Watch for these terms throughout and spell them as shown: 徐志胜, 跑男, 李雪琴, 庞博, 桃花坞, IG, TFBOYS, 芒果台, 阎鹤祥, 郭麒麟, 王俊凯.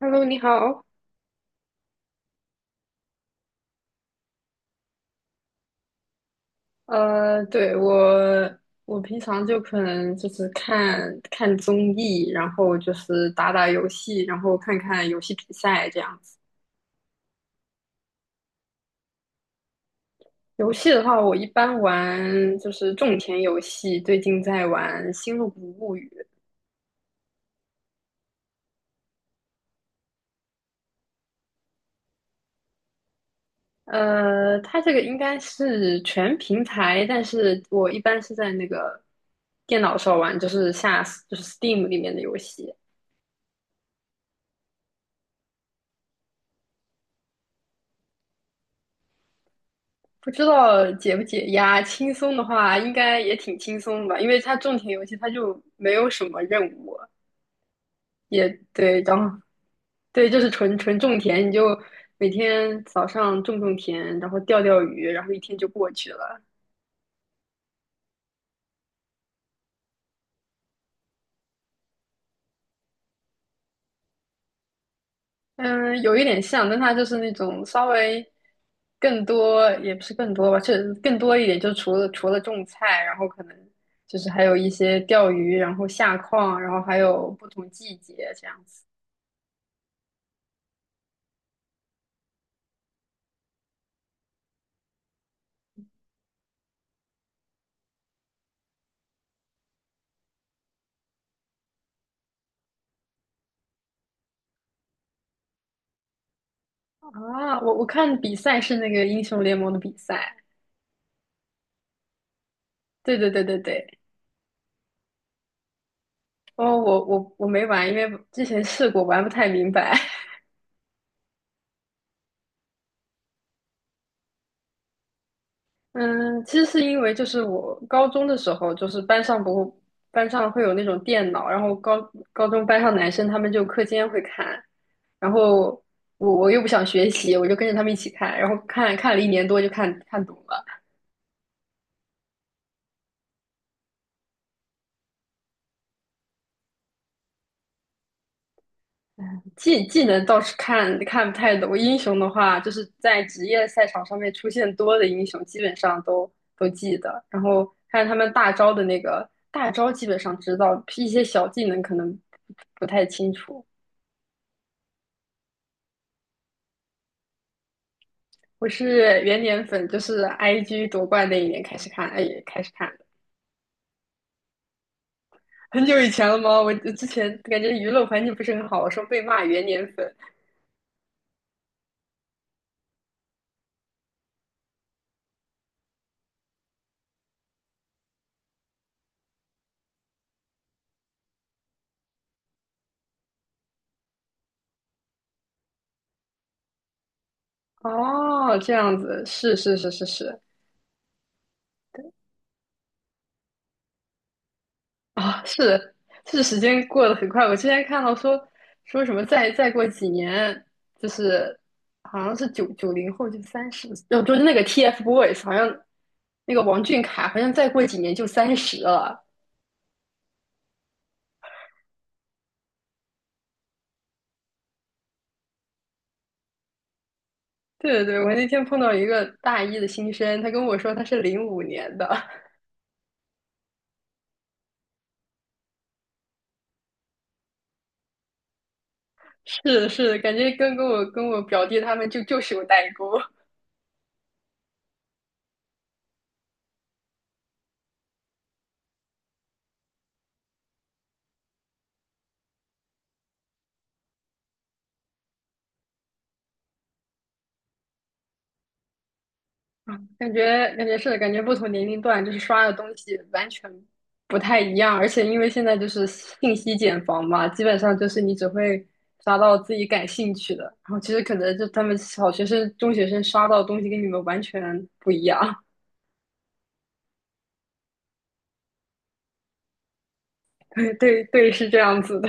Hello，你好。对，我平常就可能就是看看综艺，然后就是打打游戏，然后看看游戏比赛这样子。游戏的话，我一般玩就是种田游戏，最近在玩《星露谷物语》。它这个应该是全平台，但是我一般是在那个电脑上玩，就是下就是 Steam 里面的游戏。不知道解不解压，轻松的话应该也挺轻松的吧，因为它种田游戏它就没有什么任务，也对，然后对，就是纯纯种田，你就每天早上种种田，然后钓钓鱼，然后一天就过去了。嗯，有一点像，但它就是那种稍微更多，也不是更多吧，就是更多一点，就除了种菜，然后可能就是还有一些钓鱼，然后下矿，然后还有不同季节这样子。啊，我看比赛是那个英雄联盟的比赛，对对对对对。哦，我没玩，因为之前试过，玩不太明白。嗯，其实是因为就是我高中的时候，就是班上不班上会有那种电脑，然后高中班上男生他们就课间会看，然后我又不想学习，我就跟着他们一起看，然后看了一年多就看懂了。技能倒是看不太懂，英雄的话，就是在职业赛场上面出现多的英雄，基本上都记得。然后看他们大招的那个大招，基本上知道，一些小技能可能不太清楚。我是元年粉，就是 IG 夺冠那一年开始看，哎，开始看的，很久以前了吗？我之前感觉娱乐环境不是很好，我说被骂元年粉。哦，这样子，是是是是是，啊、是是，时间过得很快。我之前看到说什么再过几年，就是好像是90后就三十，哦，就是那个 TFBOYS，好像那个王俊凯，好像再过几年就三十了。对对对，我那天碰到一个大一的新生，他跟我说他是05年的，是是，感觉跟我表弟他们就是有代沟。嗯，感觉是的感觉不同年龄段就是刷的东西完全不太一样，而且因为现在就是信息茧房嘛，基本上就是你只会刷到自己感兴趣的，然后其实可能就他们小学生、中学生刷到的东西跟你们完全不一样，对对对，是这样子的，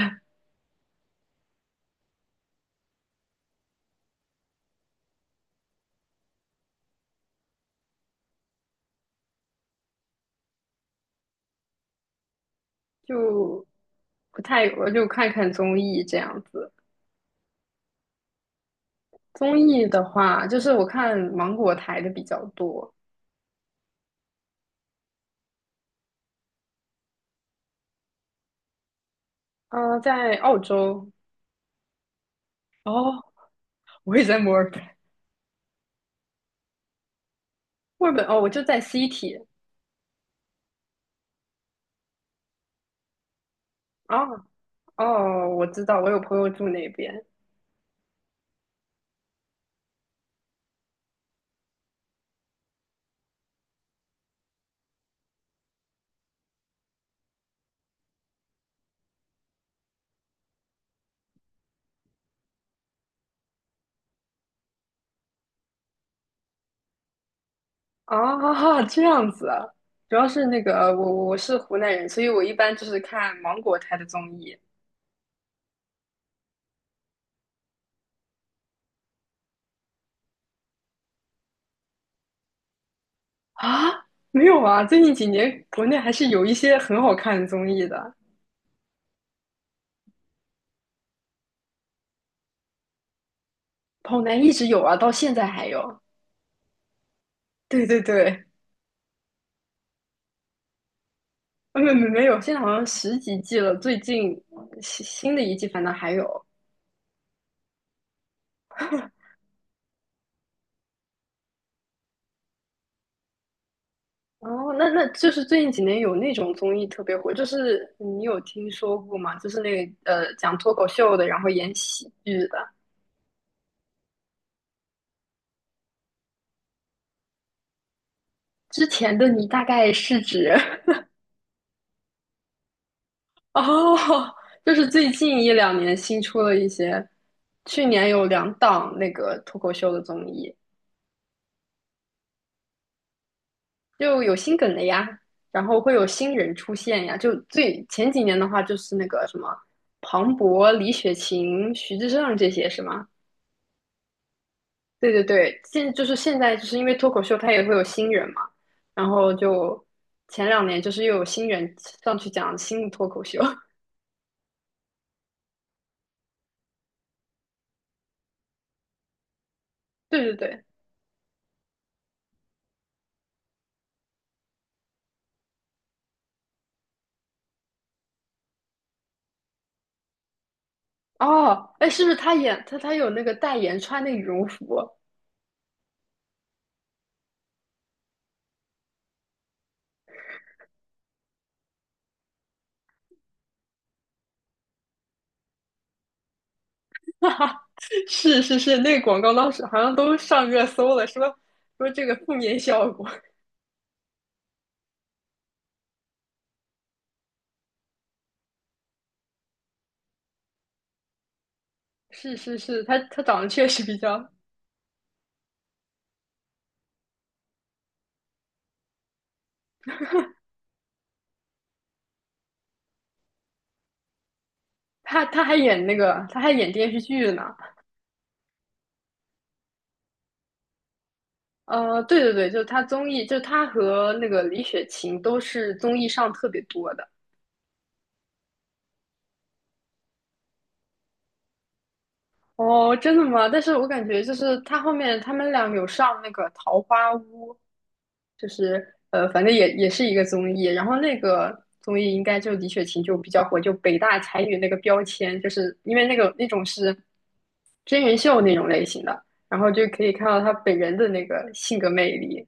就不太，我就看看综艺这样子。综艺的话，就是我看芒果台的比较多，嗯、在澳洲，哦，我也在墨尔本。墨尔本哦，我就在 City 哦哦，我知道，我有朋友住那边啊，这样子啊，主要是那个我是湖南人，所以我一般就是看芒果台的综艺啊，没有啊，最近几年国内还是有一些很好看的综艺的，跑男一直有啊，到现在还有，对对对，啊没有，现在好像十几季了，最近新的一季反倒还有，哦，那就是最近几年有那种综艺特别火，就是你有听说过吗？就是那个讲脱口秀的，然后演喜剧的。之前的你大概是指 哦，就是最近一两年新出了一些，去年有两档那个脱口秀的综艺，就有新梗的呀，然后会有新人出现呀。就最前几年的话，就是那个什么庞博、李雪琴、徐志胜这些是吗？对对对，就是现在，就是因为脱口秀它也会有新人嘛，然后就前两年就是又有新人上去讲新的脱口秀。对对对，哦，哎，是不是他演他他有那个代言穿那个羽绒服？哈哈，是是是，那个广告当时好像都上热搜了，说这个负面效果。是是是，他长得确实比较，他他还演那个他还演电视剧呢。对对对，就是他综艺，就他和那个李雪琴都是综艺上特别多的。哦，真的吗？但是我感觉就是他后面他们俩有上那个《桃花坞》，就是，反正也是一个综艺。然后那个综艺应该就李雪琴就比较火，就北大才女那个标签，就是因为那个那种是真人秀那种类型的，然后就可以看到她本人的那个性格魅力。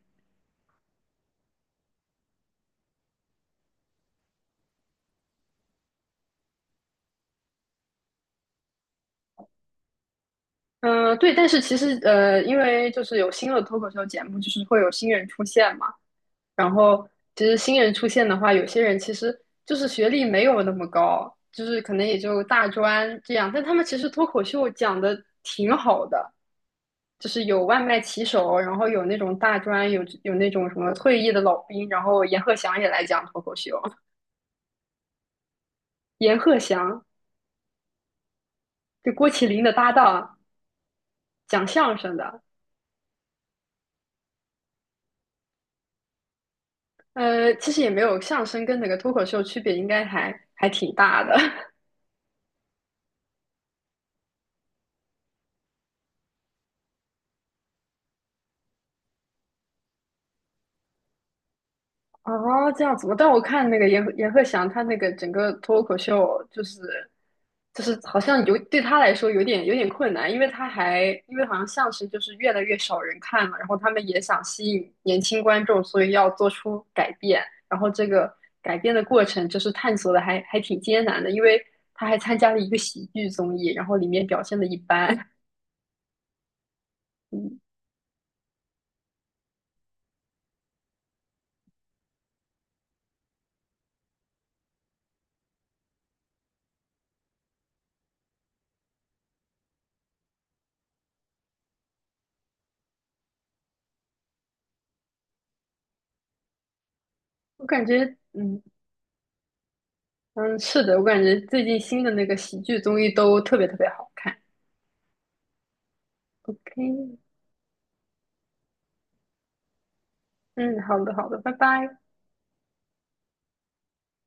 嗯，对，但是其实因为就是有新的脱口秀节目，就是会有新人出现嘛。然后其实新人出现的话，有些人其实就是学历没有那么高，就是可能也就大专这样，但他们其实脱口秀讲的挺好的，就是有外卖骑手，然后有那种大专，有那种什么退役的老兵，然后阎鹤祥也来讲脱口秀，阎鹤祥就郭麒麟的搭档，讲相声的，其实也没有相声跟那个脱口秀区别，应该还挺大的。哦，这样子吗？但我看那个阎鹤祥，他那个整个脱口秀，就是好像有对他来说有点困难，因为他还因为好像相声就是越来越少人看了，然后他们也想吸引年轻观众，所以要做出改变，然后这个改变的过程就是探索的还挺艰难的，因为他还参加了一个喜剧综艺，然后里面表现的一般，嗯，我感觉嗯。嗯，是的，我感觉最近新的那个喜剧综艺都特别特别好看。OK，嗯，好的，好的，拜拜。